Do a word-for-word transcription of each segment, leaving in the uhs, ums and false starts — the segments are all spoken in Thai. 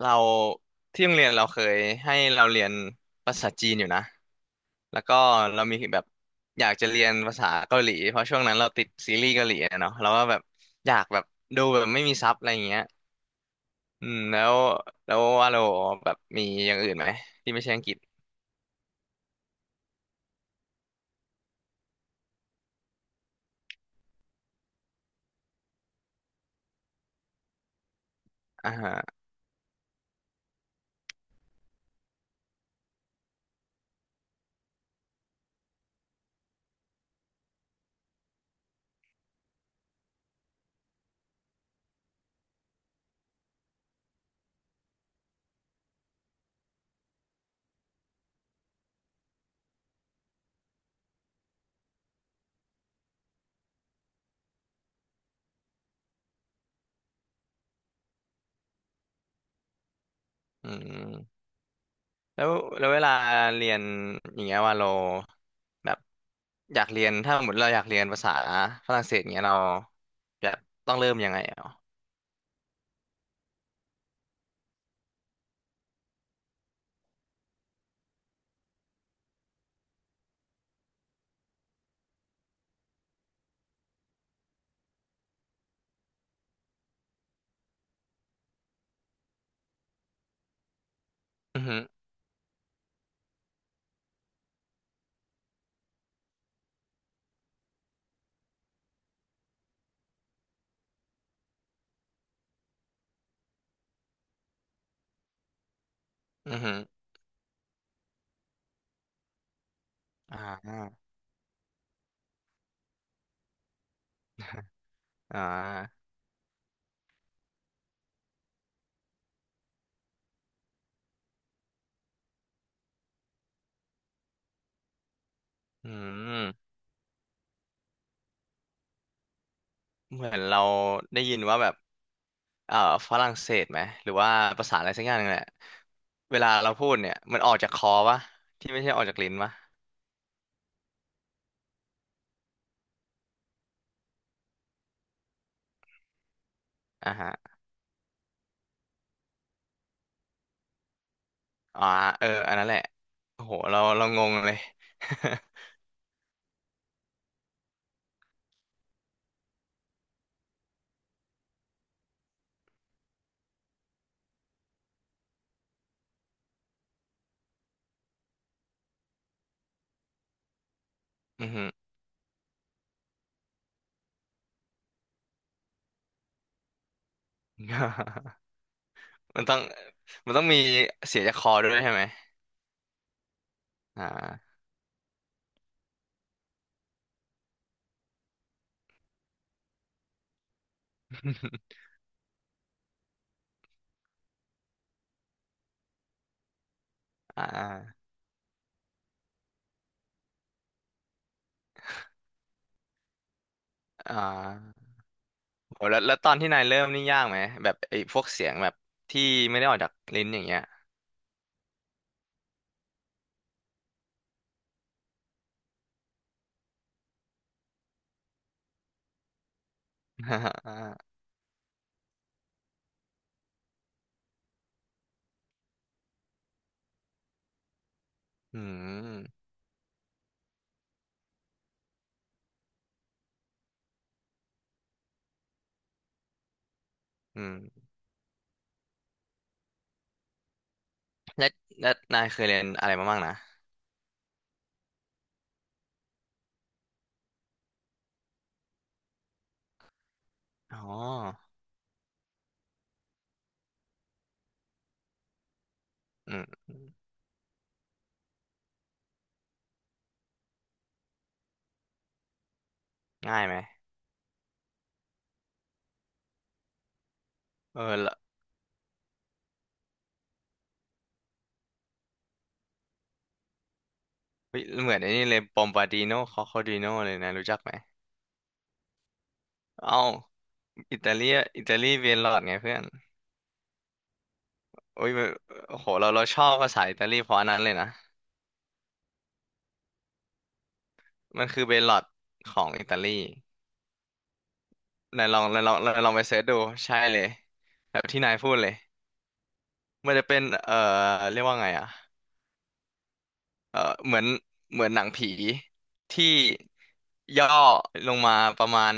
เราที่โรงเรียนเราเคยให้เราเรียนภาษาจีนอยู่นะแล้วก็เรามีแบบอยากจะเรียนภาษาเกาหลีเพราะช่วงนั้นเราติดซีรีส์เกาหลีอะเนาะเราก็แบบอยากแบบดูแบบไม่มีซับอะไรอย่างเงี้ยอืมแล้วแล้วว่าเราแบบมีอย่างอื่นไหมที่ไม่ใช่อังกฤษอ่าฮะอืมแล้วแล้วเวลาเรียนอย่างเงี้ยว่าเราแบบอยากเรียนถ้าสมมติเราอยากเรียนภาษาฝรั่งเศสเงี้ยเราแบบต้องเริ่มยังไงอ่ะอือฮึอือฮึ อ่าอ่าอืมเหมือนเราได้ยินว่าแบบเอ่อฝรั่งเศสไหม หรือว่าภาษาอะไรสักอย่างนึงแหละเวลาเราพูดเนี่ยมันออกจากคอปะที่ไม่ใช่ออกจากลิ้นปะอ่าฮะอ่าเอออันนั้นแหละโอ้โหเราเรางงเลย อือหือ มันต้องมันต้องมีเสียจากคอด้วยใช่ไหมอ่า อ่าอ่าโหแล้วแล้วตอนที่นายเริ่มนี่ยากไหมแบบไอ้พวกเสียงแบบที่ไม่ได้ออกจากลิ้นอย่างเงี้ย อืมอืมแล้วแล้วนายเคยเรียนอะไรมาบ้างนะอ๋ออืมง่ายไหมเออละเฮ้ยเหมือนไอ้นี่เลยปอมบาดิโนคอคอดิโนเลยนะรู้จักไหมเอ้าอิตาเลียอิตาลีเบลลอดไงเพื่อนโอ้ยโอ้โหเราเราชอบภาษาอิตาลีเพราะอันนั้นเลยนะมันคือเบลลอดของอิตาลีนายลองนายลองนายลองไปเสิร์ชดูใช่เลยแบบที่นายพูดเลยมันจะเป็นเอ่อเรียกว่าไงอะ เออเหมือนเหมือนหนังผีที่ย่อลงมาประมาณ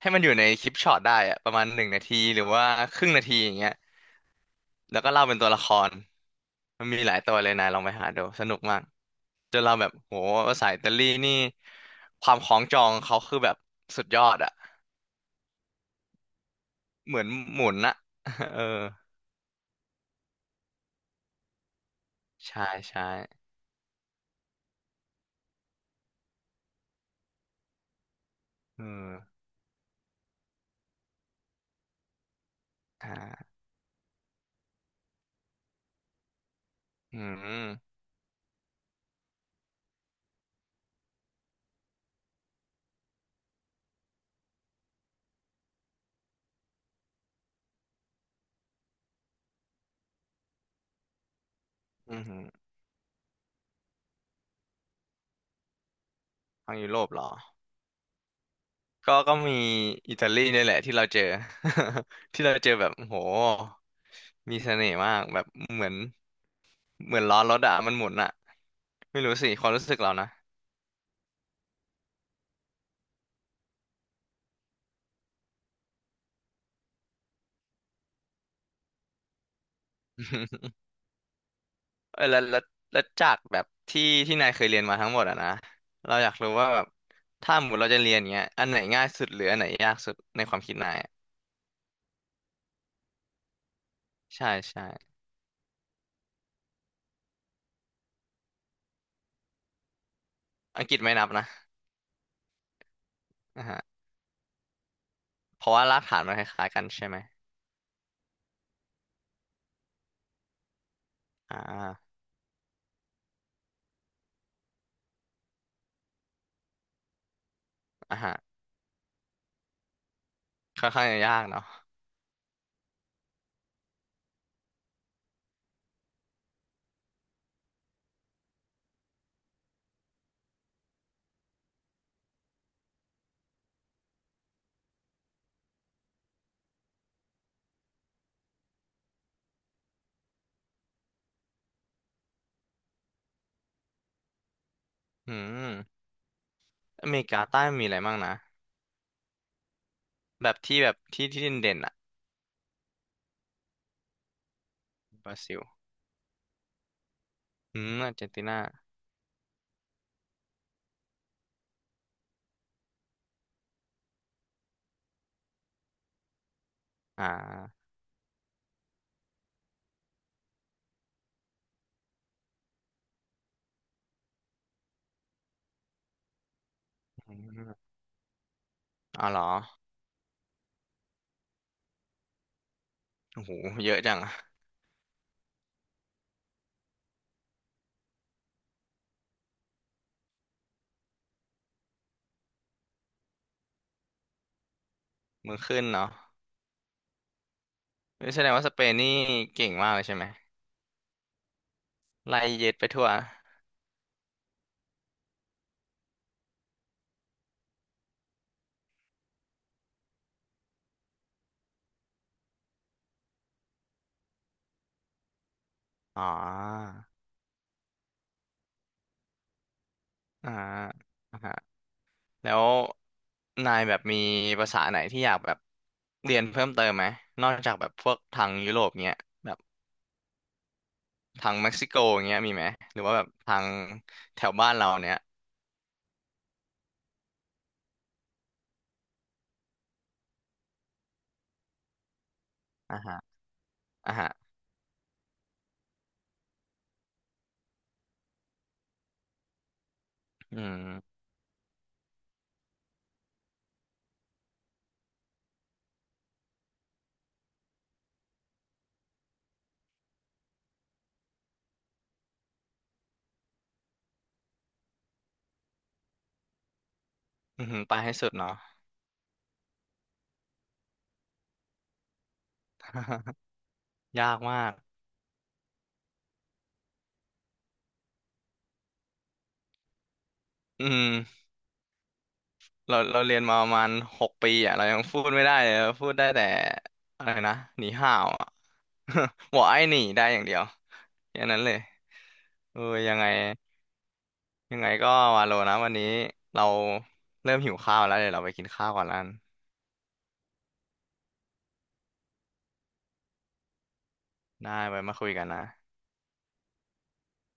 ให้มันอยู่ในคลิปช็อตได้อะประมาณหนึ่งนาทีหรือว่าครึ่งนาทีอย่างเงี้ยแล้วก็เล่าเป็นตัวละครมันมีหลายตัวเลยนายลองไปหาดูสนุกมากจนเราแบบโหภาษาอิตาลีนี่ความคล้องจองเขาคือแบบสุดยอดอะเหมือนหมุนอะ เออใช่ใช่เอออ่าอืมอืมทางยุโรปเหรอ ก็ก็มีอิตาลีเนี่ยแหละที่เราเจอ ที่เราเจอแบบโอ้โหมีเสน่ห์มากแบบเหมือนเหมือนล้อรถอะมันหมุนอะไม่รู้สิความรู้สึกเรานะ เออแล้วแล้วแล้วจากแบบที่ที่นายเคยเรียนมาทั้งหมดอะนะเราอยากรู้ว่าแบบถ้าหมดเราจะเรียนเงี้ยอันไหนง่ายสุดหรืออันไหนยากสุดในความคิดนายอะใช่ใช่อังกฤษไม่นับนะอ่าฮะเพราะว่ารากฐานมันคล้ายๆกันใช่ไหมอ่าอ่าฮะค่อนข้างจะยากเนาะอืมอเมริกาใต้มีอะไรบ้างนะ แบบที่แบบที่ที่เด่นๆอ่ะบราซิลอืมอาร์เจนตินาอ่าอมอ๋อเหรอโอ้โหเยอะจังอะมือขึ้นเนาะนี่แสดงว่าสเปนนี่เก่งมากเลยใช่ไหมไล่เย็ดไปทั่วอ๋ออ่าอ่าฮะแล้วนายแบบมีภาษาไหนที่อยากแบบเรียนเพิ่มเติมไหมนอกจากแบบพวกทางยุโรปเงี้ยแบบทางเม็กซิโกเงี้ยมีไหมหรือว่าแบบทางแถวบ้านเราเนี้ยอ่าฮะอ่าฮะอืมอืมไปให้สุดเนาะ ยากมากอืมเราเราเรียนมาประมาณหกปีอ่ะเรายังพูดไม่ได้เลยเราพูดได้แต่อะไรนะหนีห่าวอ่ะ บอกไอ้หนีได้อย่างเดียวแค่นั้นเลยเออยังไงยังไงก็วาโลนะวันนี้เราเริ่มหิวข้าวแล้วเดี๋ยวเราไปกินข้าวก่อนแล้วกันได้ไว้มาคุยกันนะ